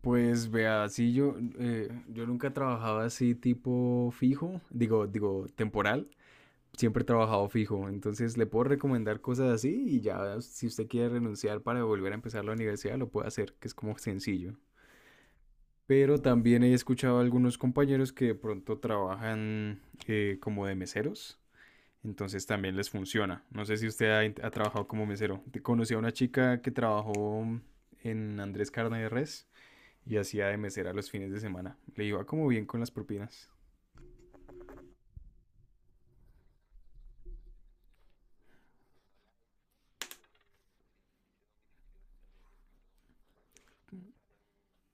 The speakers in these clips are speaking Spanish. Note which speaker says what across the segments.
Speaker 1: Pues vea, sí, yo nunca he trabajado así tipo fijo, digo, temporal. Siempre he trabajado fijo, entonces le puedo recomendar cosas así y ya si usted quiere renunciar para volver a empezar la universidad lo puede hacer, que es como sencillo. Pero también he escuchado a algunos compañeros que de pronto trabajan como de meseros, entonces también les funciona. No sé si usted ha trabajado como mesero. Conocí a una chica que trabajó en Andrés Carne de Res y hacía de mesera los fines de semana. Le iba como bien con las propinas.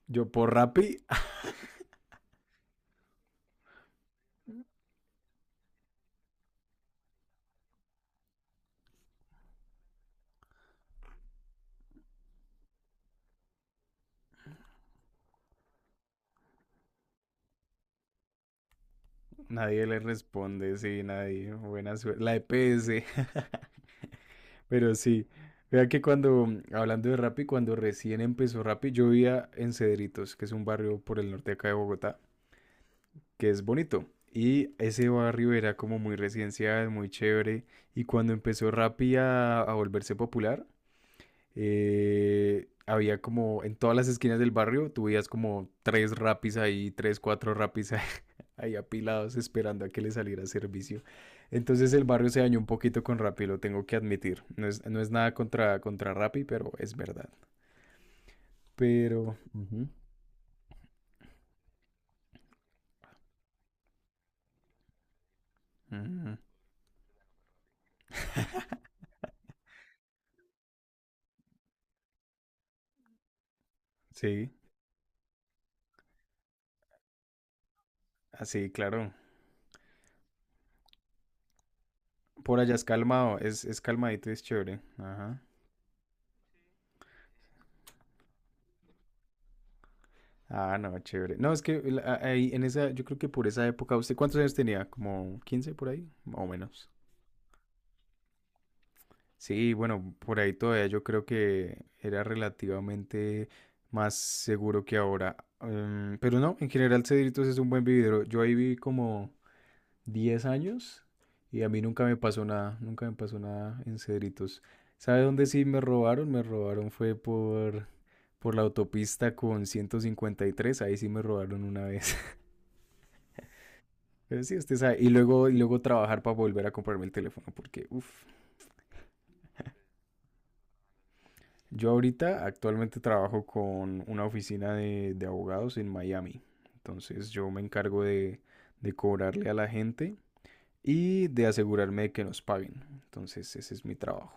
Speaker 1: Yo por Rappi, nadie le responde, sí, nadie. Buena suerte. La EPS. Pero sí. Vea que cuando, hablando de Rappi, cuando recién empezó Rappi, yo vivía en Cedritos, que es un barrio por el norte de acá de Bogotá, que es bonito. Y ese barrio era como muy residencial, muy chévere. Y cuando empezó Rappi a volverse popular, había como en todas las esquinas del barrio, tú veías como tres rapis ahí, tres, cuatro rapis ahí, ahí apilados esperando a que le saliera servicio. Entonces el barrio se dañó un poquito con Rappi, lo tengo que admitir. No es nada contra Rappi, pero es verdad. Ujú, ujú. Sí, así, claro. Por allá es calmado, es calmadito, es chévere. Ajá. Ah, no, chévere. No, es que ahí en esa, yo creo que por esa época, ¿usted cuántos años tenía? ¿Como 15 por ahí? Más o menos. Sí, bueno, por ahí todavía yo creo que era relativamente más seguro que ahora. Pero no, en general Cedritos es un buen vividero. Yo ahí viví como 10 años y a mí nunca me pasó nada, nunca me pasó nada en Cedritos. ¿Sabe dónde sí me robaron? Me robaron fue por la autopista con 153, ahí sí me robaron una vez. Pero sí, usted sabe. Y luego trabajar para volver a comprarme el teléfono porque, uff. Yo ahorita actualmente trabajo con una oficina de abogados en Miami. Entonces yo me encargo de cobrarle a la gente y de asegurarme de que nos paguen. Entonces ese es mi trabajo.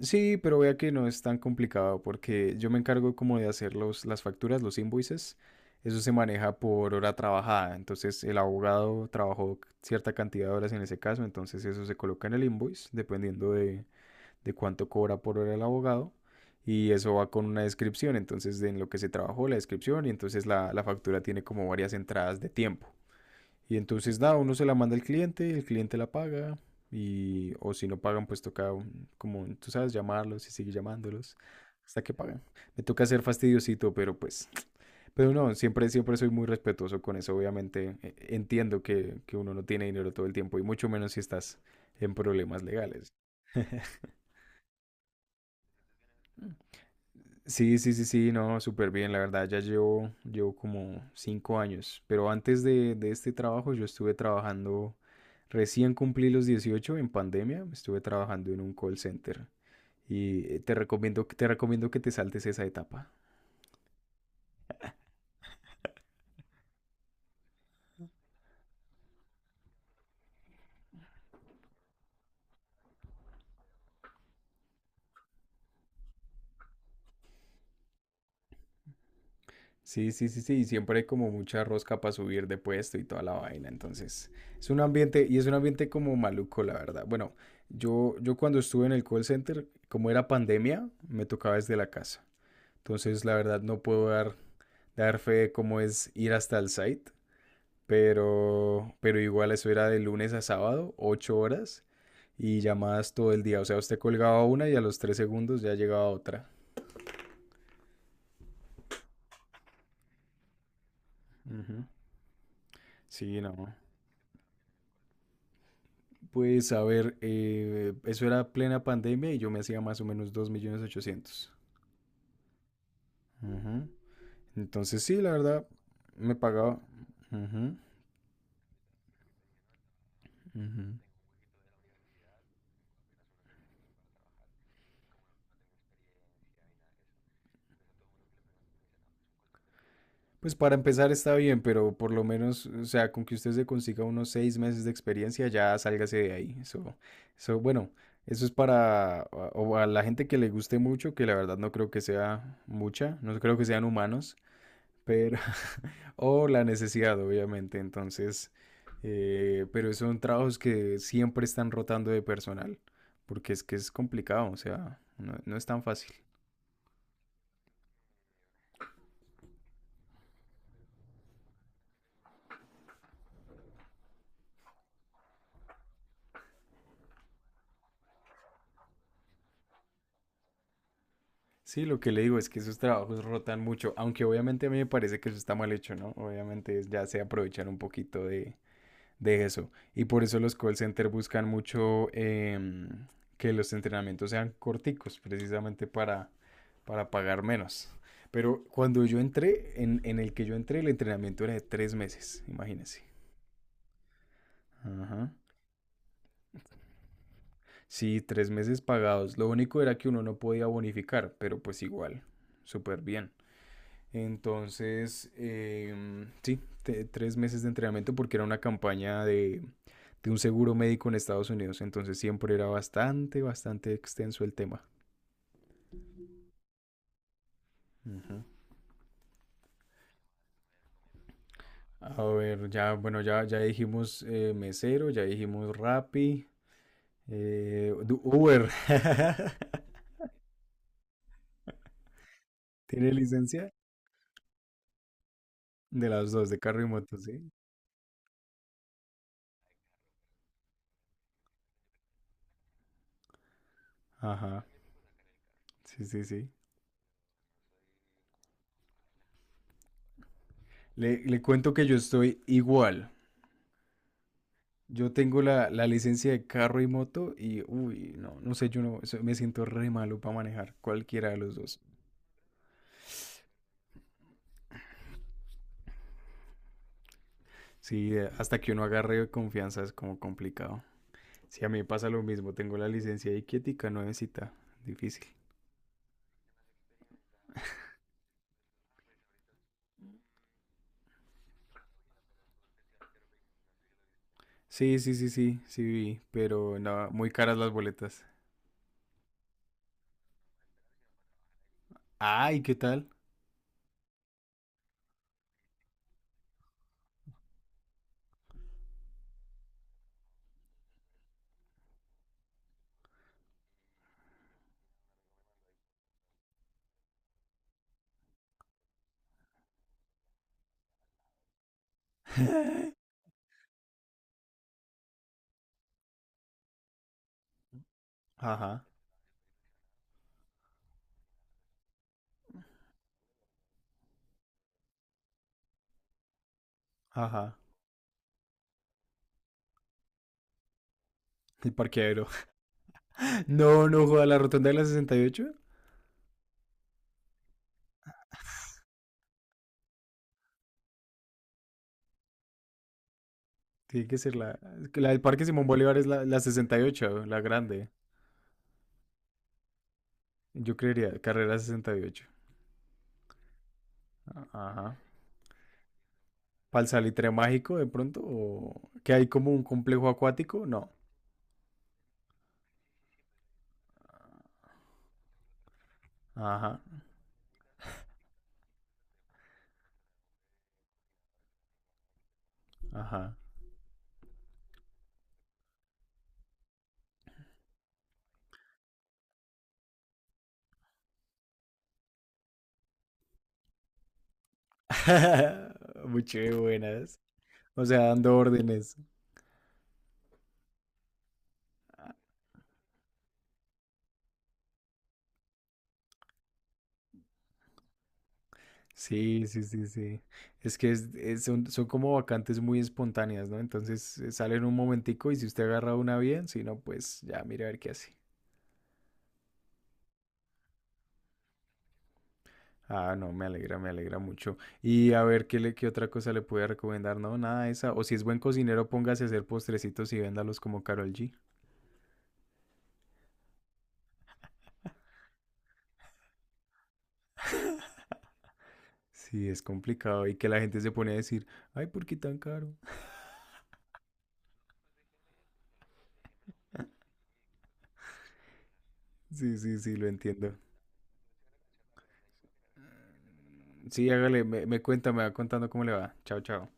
Speaker 1: Sí, pero vea que no es tan complicado porque yo me encargo como de hacer las facturas, los invoices. Eso se maneja por hora trabajada. Entonces el abogado trabajó cierta cantidad de horas en ese caso. Entonces eso se coloca en el invoice dependiendo de cuánto cobra por hora el abogado y eso va con una descripción, entonces de en lo que se trabajó la descripción y entonces la factura tiene como varias entradas de tiempo. Y entonces nada, uno se la manda al cliente, el cliente la paga y o si no pagan pues toca como tú sabes llamarlos y seguir llamándolos hasta que paguen. Me toca ser fastidiosito, pero no, siempre soy muy respetuoso con eso, obviamente entiendo que uno no tiene dinero todo el tiempo y mucho menos si estás en problemas legales. Sí, sí, sí, sí, no, súper bien, la verdad, ya llevo, llevo como 5 años, pero antes de este trabajo yo estuve trabajando, recién cumplí los 18 en pandemia, estuve trabajando en un call center y te recomiendo que te saltes esa etapa. Sí, sí, sí, sí, y siempre hay como mucha rosca para subir de puesto y toda la vaina, entonces es un ambiente, y es un ambiente como maluco, la verdad. Bueno, yo cuando estuve en el call center, como era pandemia, me tocaba desde la casa. Entonces, la verdad, no puedo dar fe de cómo es ir hasta el site, pero igual eso era de lunes a sábado, 8 horas y llamadas todo el día. O sea, usted colgaba una y a los 3 segundos ya llegaba otra. Ujú. Sí, no. Pues a ver, eso era plena pandemia y yo me hacía más o menos 2.800.000. Ujú. Entonces sí, la verdad, me pagaba. Ujú, ujú. Pues para empezar está bien, pero por lo menos, o sea, con que usted se consiga unos 6 meses de experiencia, ya sálgase de ahí. Eso, bueno, eso es para o a la gente que le guste mucho, que la verdad no creo que sea mucha, no creo que sean humanos, pero, o la necesidad, obviamente. Entonces, pero son trabajos que siempre están rotando de personal, porque es que es complicado, o sea, no es tan fácil. Sí, lo que le digo es que esos trabajos rotan mucho, aunque obviamente a mí me parece que eso está mal hecho, ¿no? Obviamente ya se aprovechar un poquito de eso. Y por eso los call centers buscan mucho que los entrenamientos sean corticos, precisamente para pagar menos. Pero cuando yo entré, en el que yo entré, el entrenamiento era de 3 meses, imagínense. Ajá. Sí, 3 meses pagados. Lo único era que uno no podía bonificar, pero pues igual, súper bien. Entonces, sí, 3 meses de entrenamiento porque era una campaña de un seguro médico en Estados Unidos. Entonces siempre era bastante, bastante extenso el tema. Ujú. A ver, ya, bueno, ya, ya dijimos mesero, ya dijimos Rappi, Uber. ¿Tiene licencia? De las dos, de carro y moto, sí. Ajá, sí, sí, sí. Le cuento que yo estoy igual. Yo tengo la licencia de carro y moto y, uy, no, no sé, yo no, eso- me siento re malo para manejar cualquiera de los dos. Sí, hasta que uno agarre confianza es como complicado. Sí, a mí me pasa lo mismo, tengo la licencia ahí quietica, nuevecita, difícil. Sí, sí, sí, sí, sí vi, pero no, muy caras las boletas. Ay, ¿qué tal? Ajá, ajá, el parqueadero. No, no, joda, la rotonda de la 68. Tiene que ser la del Parque Simón Bolívar es la 68, la grande. Yo creería carrera 68. A- Ajá. ¿Pal salitre mágico de pronto? ¿O que hay como un complejo acuático? No. Ajá, ajá. Muy chévere, buenas. O sea, dando órdenes. Sí, sí, sí, sí. Es que son como vacantes muy espontáneas, ¿no? Entonces sale en un momentico y si usted agarra una bien, si no, pues ya mire a ver qué hace. Ah, no, me alegra mucho. Y a ver, ¿ qué otra cosa le puede recomendar? No, nada de esa. O si es buen cocinero, póngase a hacer postrecitos y véndalos como Karol G. Sí, es complicado. Y que la gente se pone a decir, ay, ¿por qué tan caro? Sí, sí, sí, lo entiendo. Sí, hágale, me cuenta, me va contando cómo le va. Chao, chao.